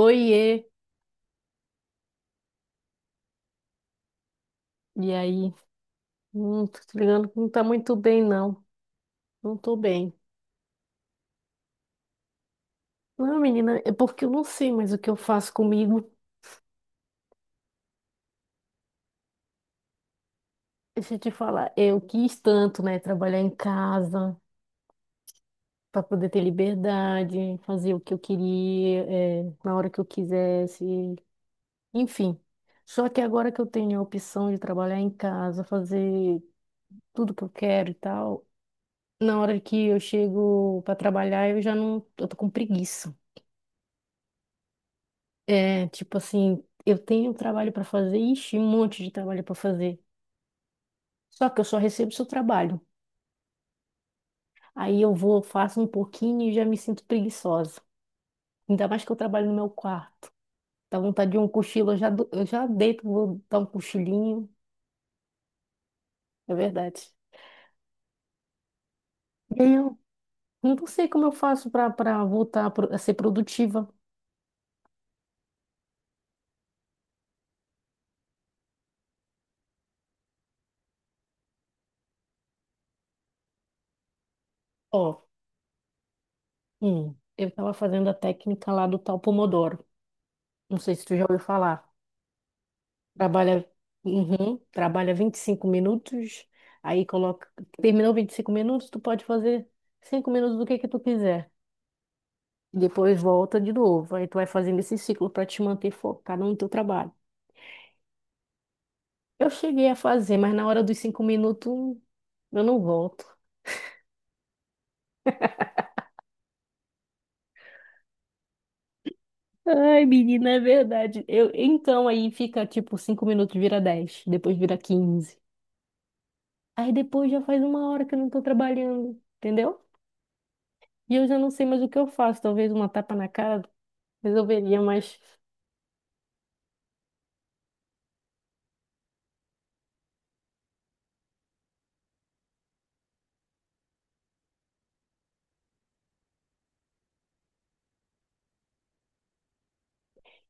Oiê, e aí? Tô te ligando que não tá muito bem, não. Não tô bem. Não, menina, é porque eu não sei mais o que eu faço comigo. Deixa eu te falar, eu quis tanto, né, trabalhar em casa para poder ter liberdade, fazer o que eu queria, na hora que eu quisesse, enfim. Só que agora que eu tenho a opção de trabalhar em casa, fazer tudo que eu quero e tal, na hora que eu chego para trabalhar, eu já não, eu tô com preguiça. É, tipo assim, eu tenho trabalho para fazer, ixi, um monte de trabalho para fazer. Só que eu só recebo seu trabalho. Aí eu vou, faço um pouquinho e já me sinto preguiçosa. Ainda mais que eu trabalho no meu quarto. Dá vontade de um cochilo, eu já, eu já deito, vou dar um cochilinho. É verdade. E aí eu não sei como eu faço para voltar a ser produtiva. Ó, eu tava fazendo a técnica lá do tal Pomodoro. Não sei se tu já ouviu falar. Trabalha, uhum, trabalha 25 minutos, aí coloca, terminou 25 minutos, tu pode fazer 5 minutos do que tu quiser. Depois volta de novo. Aí tu vai fazendo esse ciclo para te manter focado no teu trabalho. Eu cheguei a fazer, mas na hora dos 5 minutos eu não volto. Ai, menina, é verdade. Então aí fica tipo 5 minutos vira 10 depois vira 15. Aí depois já faz 1 hora que eu não tô trabalhando, entendeu? E eu já não sei mais o que eu faço. Talvez uma tapa na cara resolveria, mas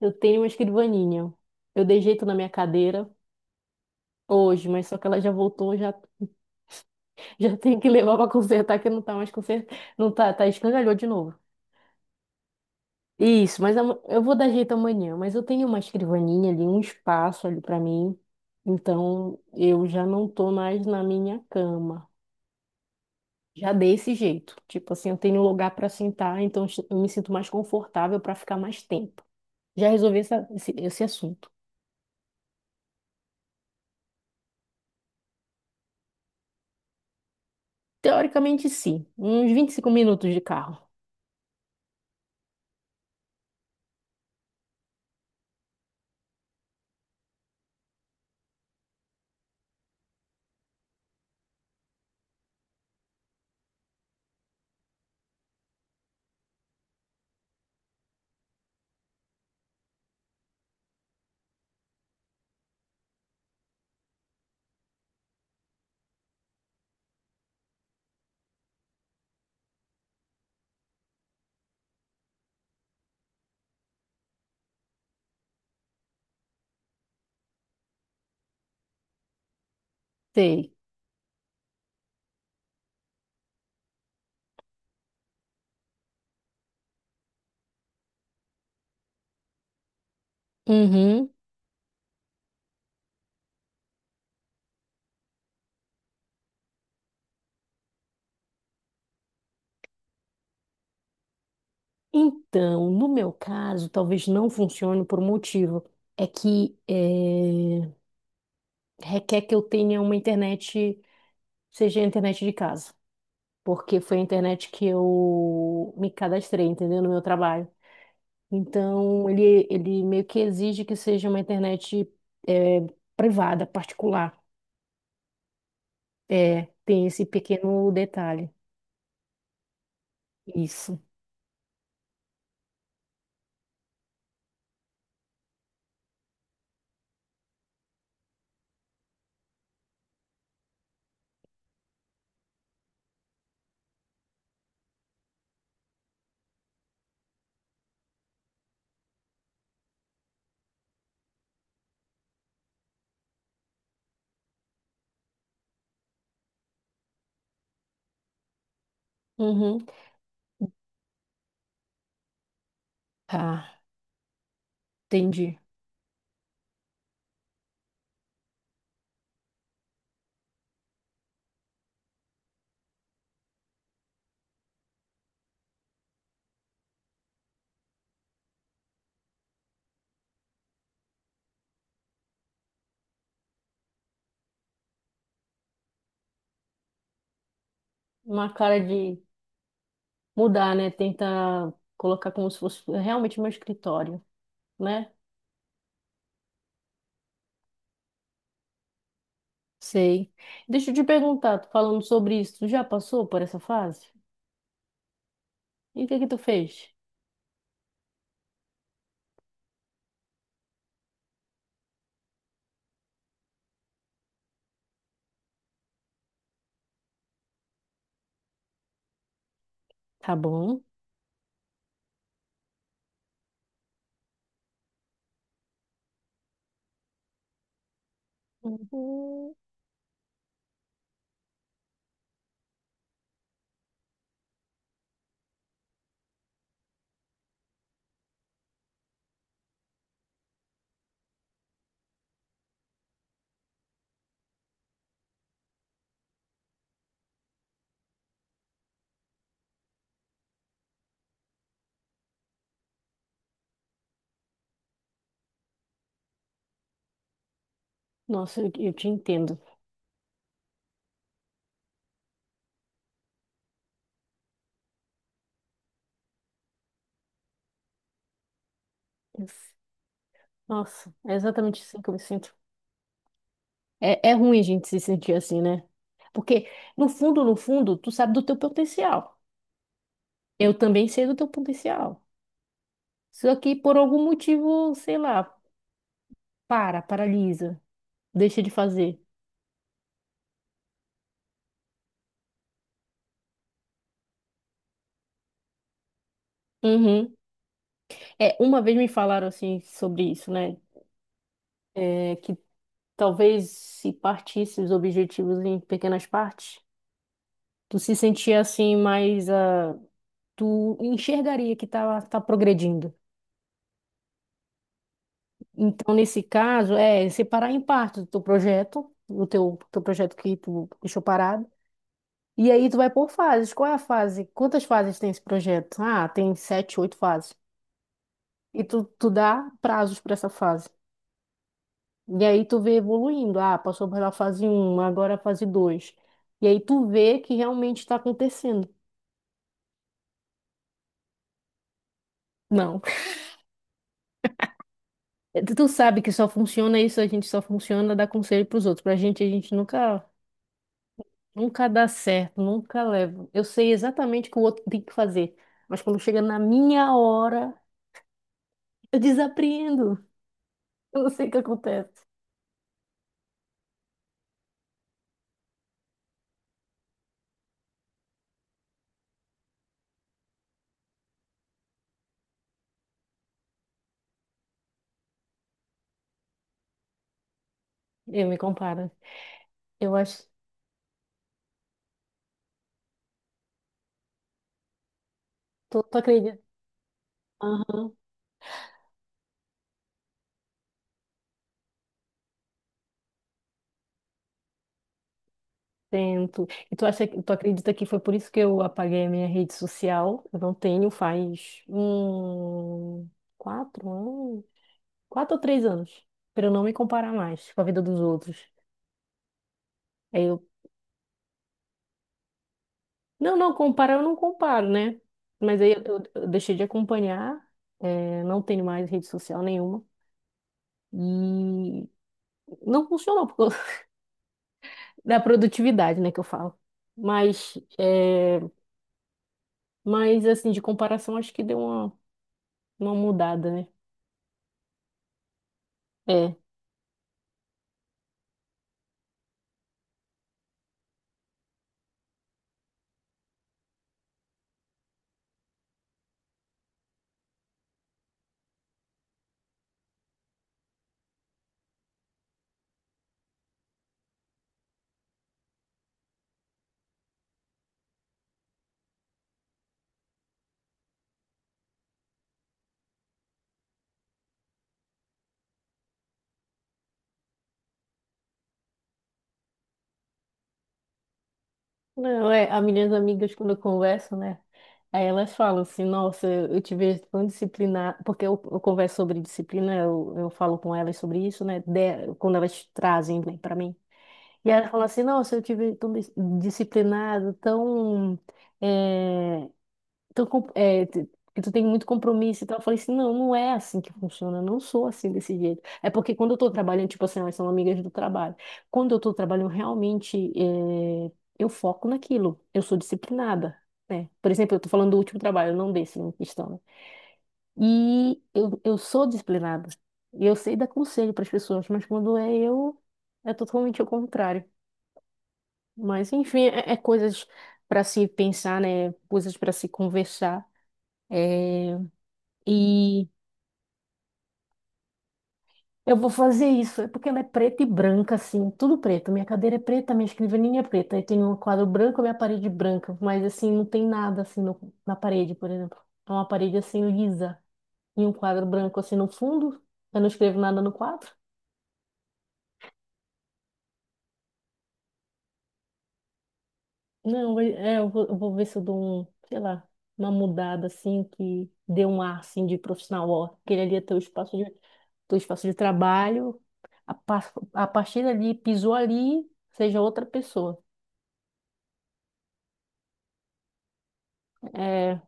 eu tenho uma escrivaninha. Eu dei jeito na minha cadeira hoje, mas só que ela já voltou, já, já tenho que levar pra consertar, que não tá mais consertando. Não tá, tá escangalhou de novo. Isso, eu vou dar jeito amanhã. Mas eu tenho uma escrivaninha ali, um espaço ali pra mim. Então eu já não tô mais na minha cama. Já dei esse jeito. Tipo assim, eu tenho um lugar pra sentar, então eu me sinto mais confortável pra ficar mais tempo. Já resolvi esse assunto. Teoricamente, sim. Uns 25 minutos de carro. Sei. Uhum. Então, no meu caso, talvez não funcione por um motivo. É que requer que eu tenha uma internet, seja a internet de casa. Porque foi a internet que eu me cadastrei, entendeu? No meu trabalho. Então, ele meio que exige que seja uma internet eh, privada, particular. É, tem esse pequeno detalhe. Isso. Uhum. Ah, entendi. Uma cara de mudar, né? Tenta colocar como se fosse realmente meu escritório, né? Sei. Deixa eu te perguntar, tu falando sobre isso, tu já passou por essa fase? E o que que tu fez? Tá bom. Uhum. Nossa, eu te entendo. Nossa, é exatamente assim que eu me sinto. É, é ruim a gente se sentir assim, né? Porque, no fundo, no fundo, tu sabe do teu potencial. Eu também sei do teu potencial. Só que, por algum motivo, sei lá, paralisa. Deixa de fazer. Uhum. É, uma vez me falaram assim sobre isso, né? É, que talvez se partisse os objetivos em pequenas partes, tu se sentia assim mais, tu enxergaria que tá, tá progredindo. Então, nesse caso, é separar em partes o teu projeto, teu projeto que tu deixou parado. E aí tu vai por fases. Qual é a fase? Quantas fases tem esse projeto? Ah, tem sete, oito fases. E tu dá prazos para essa fase. E aí tu vê evoluindo. Ah, passou pela fase um agora a fase dois. E aí tu vê que realmente está acontecendo. Não. Tu sabe que só funciona isso, a gente só funciona dar conselho pros outros. Pra gente, a gente nunca, nunca dá certo, nunca leva. Eu sei exatamente o que o outro tem que fazer. Mas quando chega na minha hora, eu desapreendo. Eu não sei o que acontece. Eu me comparo. Eu acho. Tu acredita? Aham. Tento. E tu acha, tu acredita que foi por isso que eu apaguei a minha rede social? Eu não tenho faz 4 anos, 4 ou 3 anos, para eu não me comparar mais com a vida dos outros. Aí eu, não, não, comparar eu não comparo, né? Mas aí eu, eu deixei de acompanhar, é, não tenho mais rede social nenhuma. E não funcionou por causa da produtividade, né, que eu falo. Mas, é, mas assim, de comparação, acho que deu uma mudada, né? É. Não, é, as minhas amigas, quando eu converso, né? Aí elas falam assim, nossa, eu te vejo tão disciplinar, porque eu converso sobre disciplina, eu falo com elas sobre isso, né? Quando elas trazem, né, para mim. E elas falam assim, nossa, eu te vejo tão disciplinado, tão eh, tão, é, que tu tem muito compromisso e tal. Eu falei assim, não, não é assim que funciona, eu não sou assim desse jeito. É porque quando eu tô trabalhando, tipo assim, elas são amigas do trabalho. Quando eu tô trabalhando, realmente, eu foco naquilo, eu sou disciplinada. Né? Por exemplo, eu tô falando do último trabalho, não desse, não questão. Né? E eu sou disciplinada. E eu sei dar conselho para as pessoas, mas quando é eu, é totalmente o contrário. Mas, enfim, é coisas para se pensar, né? Coisas para se conversar. É, e eu vou fazer isso. É porque ela é preta e branca, assim, tudo preto. Minha cadeira é preta, minha escrivaninha é preta. Aí tem um quadro branco, minha parede branca. Mas, assim, não tem nada, assim, na parede, por exemplo. É uma parede, assim, lisa. E um quadro branco, assim, no fundo. Eu não escrevo nada no quadro. Não, é, eu vou ver se eu dou um, sei lá, uma mudada, assim, que dê um ar, assim, de profissional. Ó, aquele ali é teu espaço de trabalho. A partir dali, pisou ali, seja outra pessoa. É,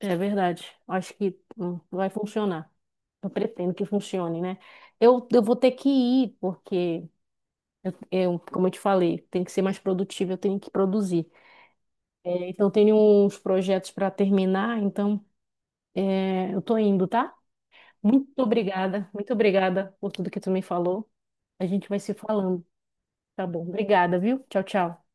é verdade. Acho que vai funcionar. Eu pretendo que funcione, né? Eu vou ter que ir, porque, eu, como eu te falei, tem que ser mais produtivo, eu tenho que produzir. É, então, eu tenho uns projetos para terminar, então é, eu tô indo, tá? Muito obrigada por tudo que tu me falou. A gente vai se falando, tá bom? Obrigada, viu? Tchau, tchau.